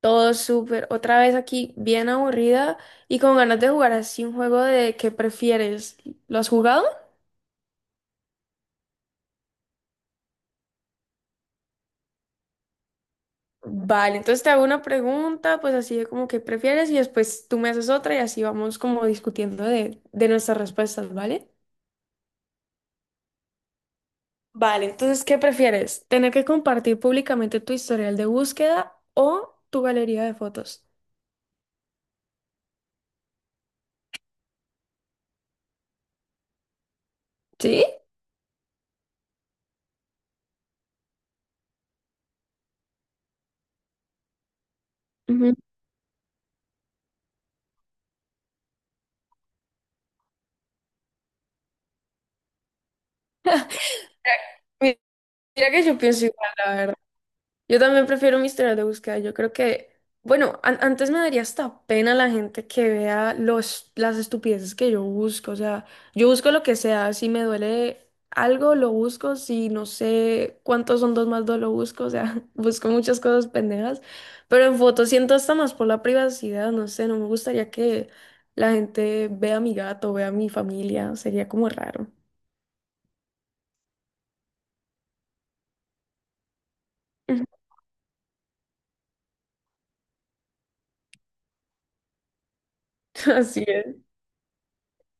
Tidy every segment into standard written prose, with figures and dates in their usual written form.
Todo súper. Otra vez aquí, bien aburrida y con ganas de jugar así un juego de qué prefieres. ¿Lo has jugado? Vale, entonces te hago una pregunta, pues así de como qué prefieres y después tú me haces otra y así vamos como discutiendo de nuestras respuestas, ¿vale? Vale, entonces, ¿qué prefieres? ¿Tener que compartir públicamente tu historial de búsqueda o tu galería de fotos? ¿Sí? Ujú. Mi- Mira que yo pienso igual. Yo también prefiero mi historial de búsqueda. Yo creo que, bueno, antes me daría hasta pena la gente que vea las estupideces que yo busco. O sea, yo busco lo que sea. Si me duele algo, lo busco. Si no sé cuántos son dos más dos, lo busco. O sea, busco muchas cosas pendejas. Pero en fotos siento hasta más por la privacidad. No sé, no me gustaría que la gente vea a mi gato, vea a mi familia. Sería como raro. Así es.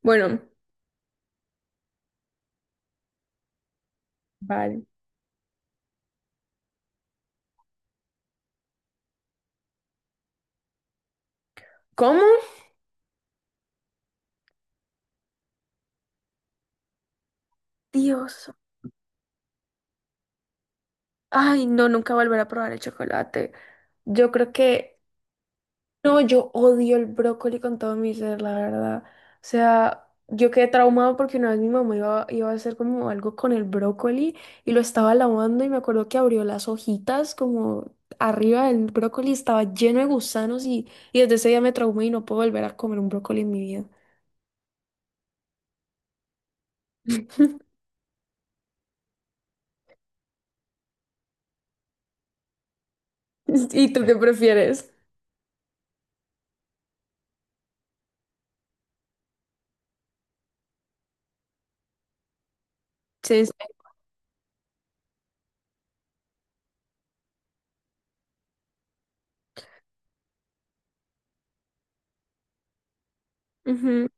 Bueno, vale. ¿Cómo? Dios. Ay, no, nunca volver a probar el chocolate. Yo creo que, no, yo odio el brócoli con todo mi ser, la verdad. O sea, yo quedé traumado porque una vez mi mamá iba a hacer como algo con el brócoli y lo estaba lavando y me acuerdo que abrió las hojitas como arriba del brócoli, estaba lleno de gusanos y desde ese día me traumé y no puedo volver a comer un brócoli en mi vida. ¿Y tú qué prefieres? Sí, sí. Ujú.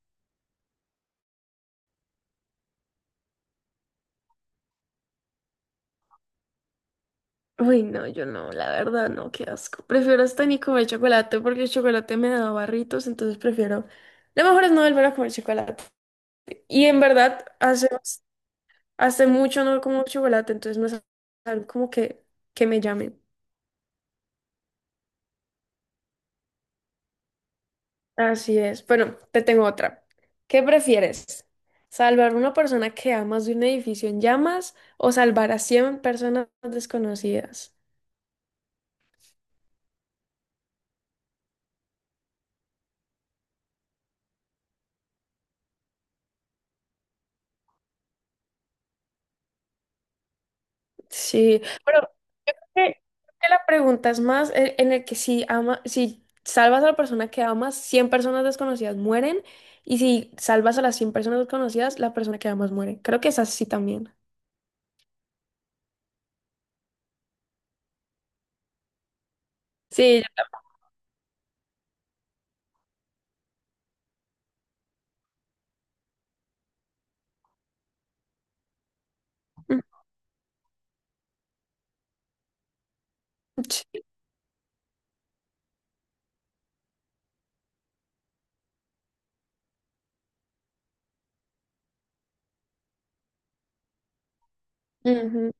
Uy, no, yo no, la verdad no, qué asco. Prefiero hasta ni comer chocolate porque el chocolate me da barritos, entonces prefiero. Lo mejor es no volver a comer chocolate. Y en verdad, hace mucho no como chocolate, entonces no es algo como que me llamen. Así es. Bueno, te tengo otra. ¿Qué prefieres? ¿Salvar a una persona que amas de un edificio en llamas o salvar a 100 personas desconocidas? Sí, pero que que la pregunta es más en el que si ama, si salvas a la persona que amas, 100 personas desconocidas mueren, y si salvas a las 100 personas desconocidas, la persona que amas muere. Creo que es así también. Sí, yo- sí, ujú,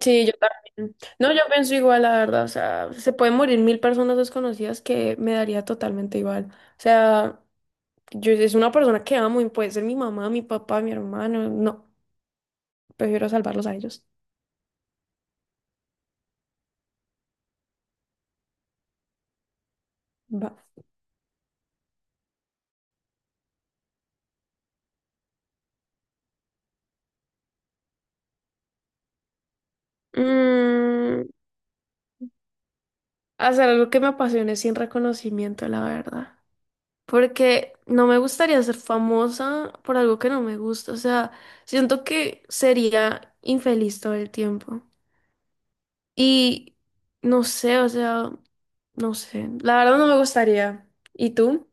sí, yo también. No, yo pienso igual, la verdad. O sea, se pueden morir mil personas desconocidas que me daría totalmente igual. O sea, yo es una persona que amo y puede ser mi mamá, mi papá, mi hermano. No, prefiero salvarlos a ellos. Va. Mm, Hacer algo que me apasione sin reconocimiento, la verdad. Porque no me gustaría ser famosa por algo que no me gusta. O sea, siento que sería infeliz todo el tiempo. Y no sé, o sea, no sé. La verdad no me gustaría. ¿Y tú?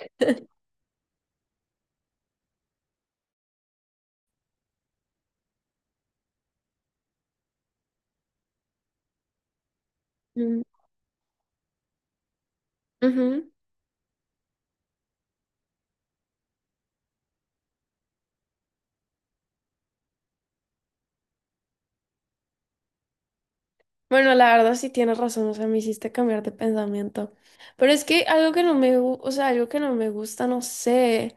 Mm, ujú. Bueno, la verdad sí tienes razón, o sea, me hiciste cambiar de pensamiento. Pero es que algo que no me, o sea, algo que no me gusta, no sé.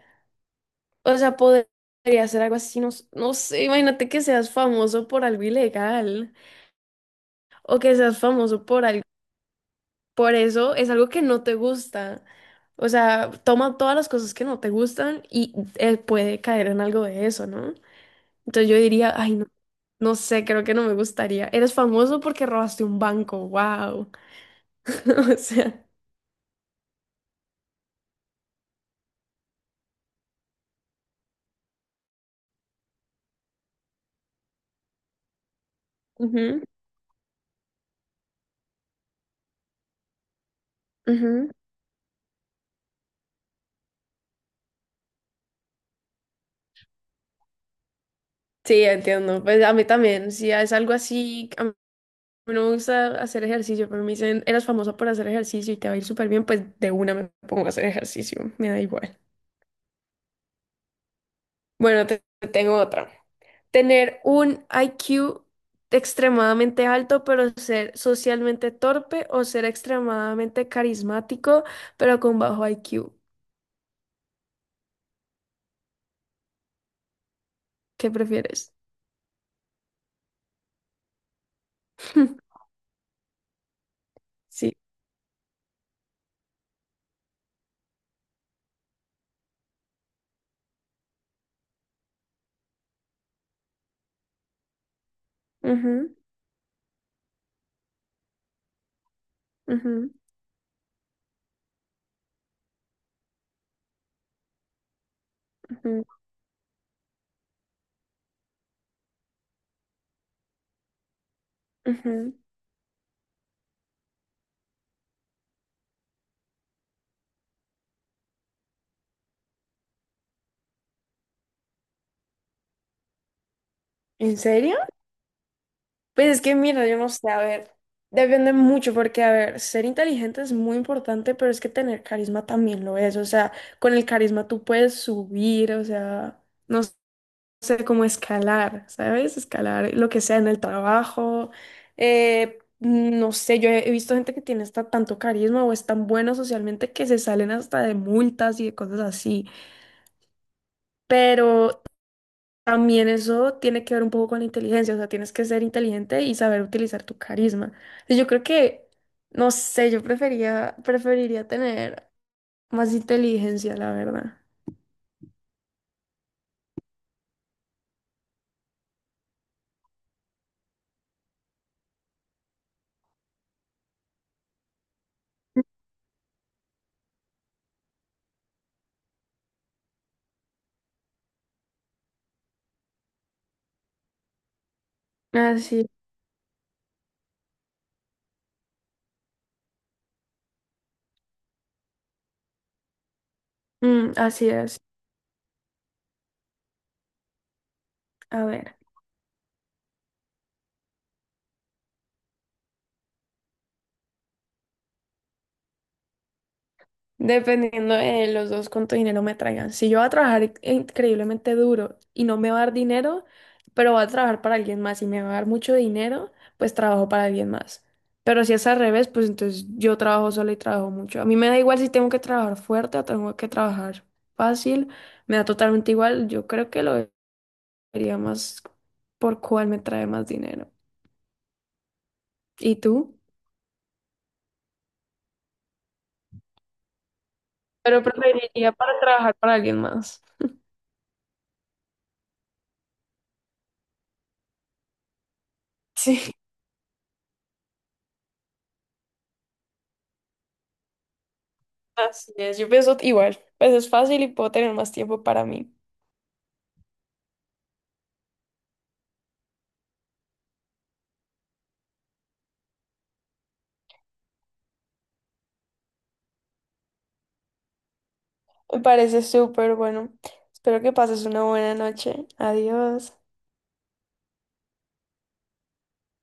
O sea, podría ser algo así, no, no sé, imagínate que seas famoso por algo ilegal o que seas famoso por algo, por eso es algo que no te gusta. O sea, toma todas las cosas que no te gustan y puede caer en algo de eso, ¿no? Entonces yo diría, ay, no, no sé, creo que no me gustaría. Eres famoso porque robaste un banco, wow. O sea, ujú, ujú. Sí, entiendo. Pues a mí también, si es algo así. Mí no me gusta hacer ejercicio, pero me dicen, eras famosa por hacer ejercicio y te va a ir súper bien, pues de una me pongo a hacer ejercicio, me da igual. Bueno, te tengo otra. Tener un IQ extremadamente alto, pero ser socialmente torpe o ser extremadamente carismático, pero con bajo IQ. ¿Qué prefieres? Sí. Ujú, ujú, ujú, ujú. ¿En serio? Pues es que mira, yo no sé, a ver, depende mucho porque, a ver, ser inteligente es muy importante, pero es que tener carisma también lo es, o sea, con el carisma tú puedes subir, o sea, no sé cómo escalar, ¿sabes? Escalar lo que sea en el trabajo, no sé, yo he visto gente que tiene hasta tanto carisma o es tan bueno socialmente que se salen hasta de multas y de cosas así. Pero también eso tiene que ver un poco con la inteligencia, o sea, tienes que ser inteligente y saber utilizar tu carisma. Y yo creo que, no sé, preferiría tener más inteligencia, la verdad. Así, mm, así es. A ver. Dependiendo de los dos cuánto dinero me traigan. Si yo voy a trabajar increíblemente duro y no me va a dar dinero, pero voy a trabajar para alguien más y me va a dar mucho dinero, pues trabajo para alguien más. Pero si es al revés, pues entonces yo trabajo sola y trabajo mucho. A mí me da igual si tengo que trabajar fuerte o tengo que trabajar fácil, me da totalmente igual. Yo creo que lo vería más por cuál me trae más dinero. ¿Y tú? Pero preferiría para trabajar para alguien más. Sí. Así es, yo pienso igual, pues es fácil y puedo tener más tiempo para mí. Me parece súper bueno. Espero que pases una buena noche. Adiós.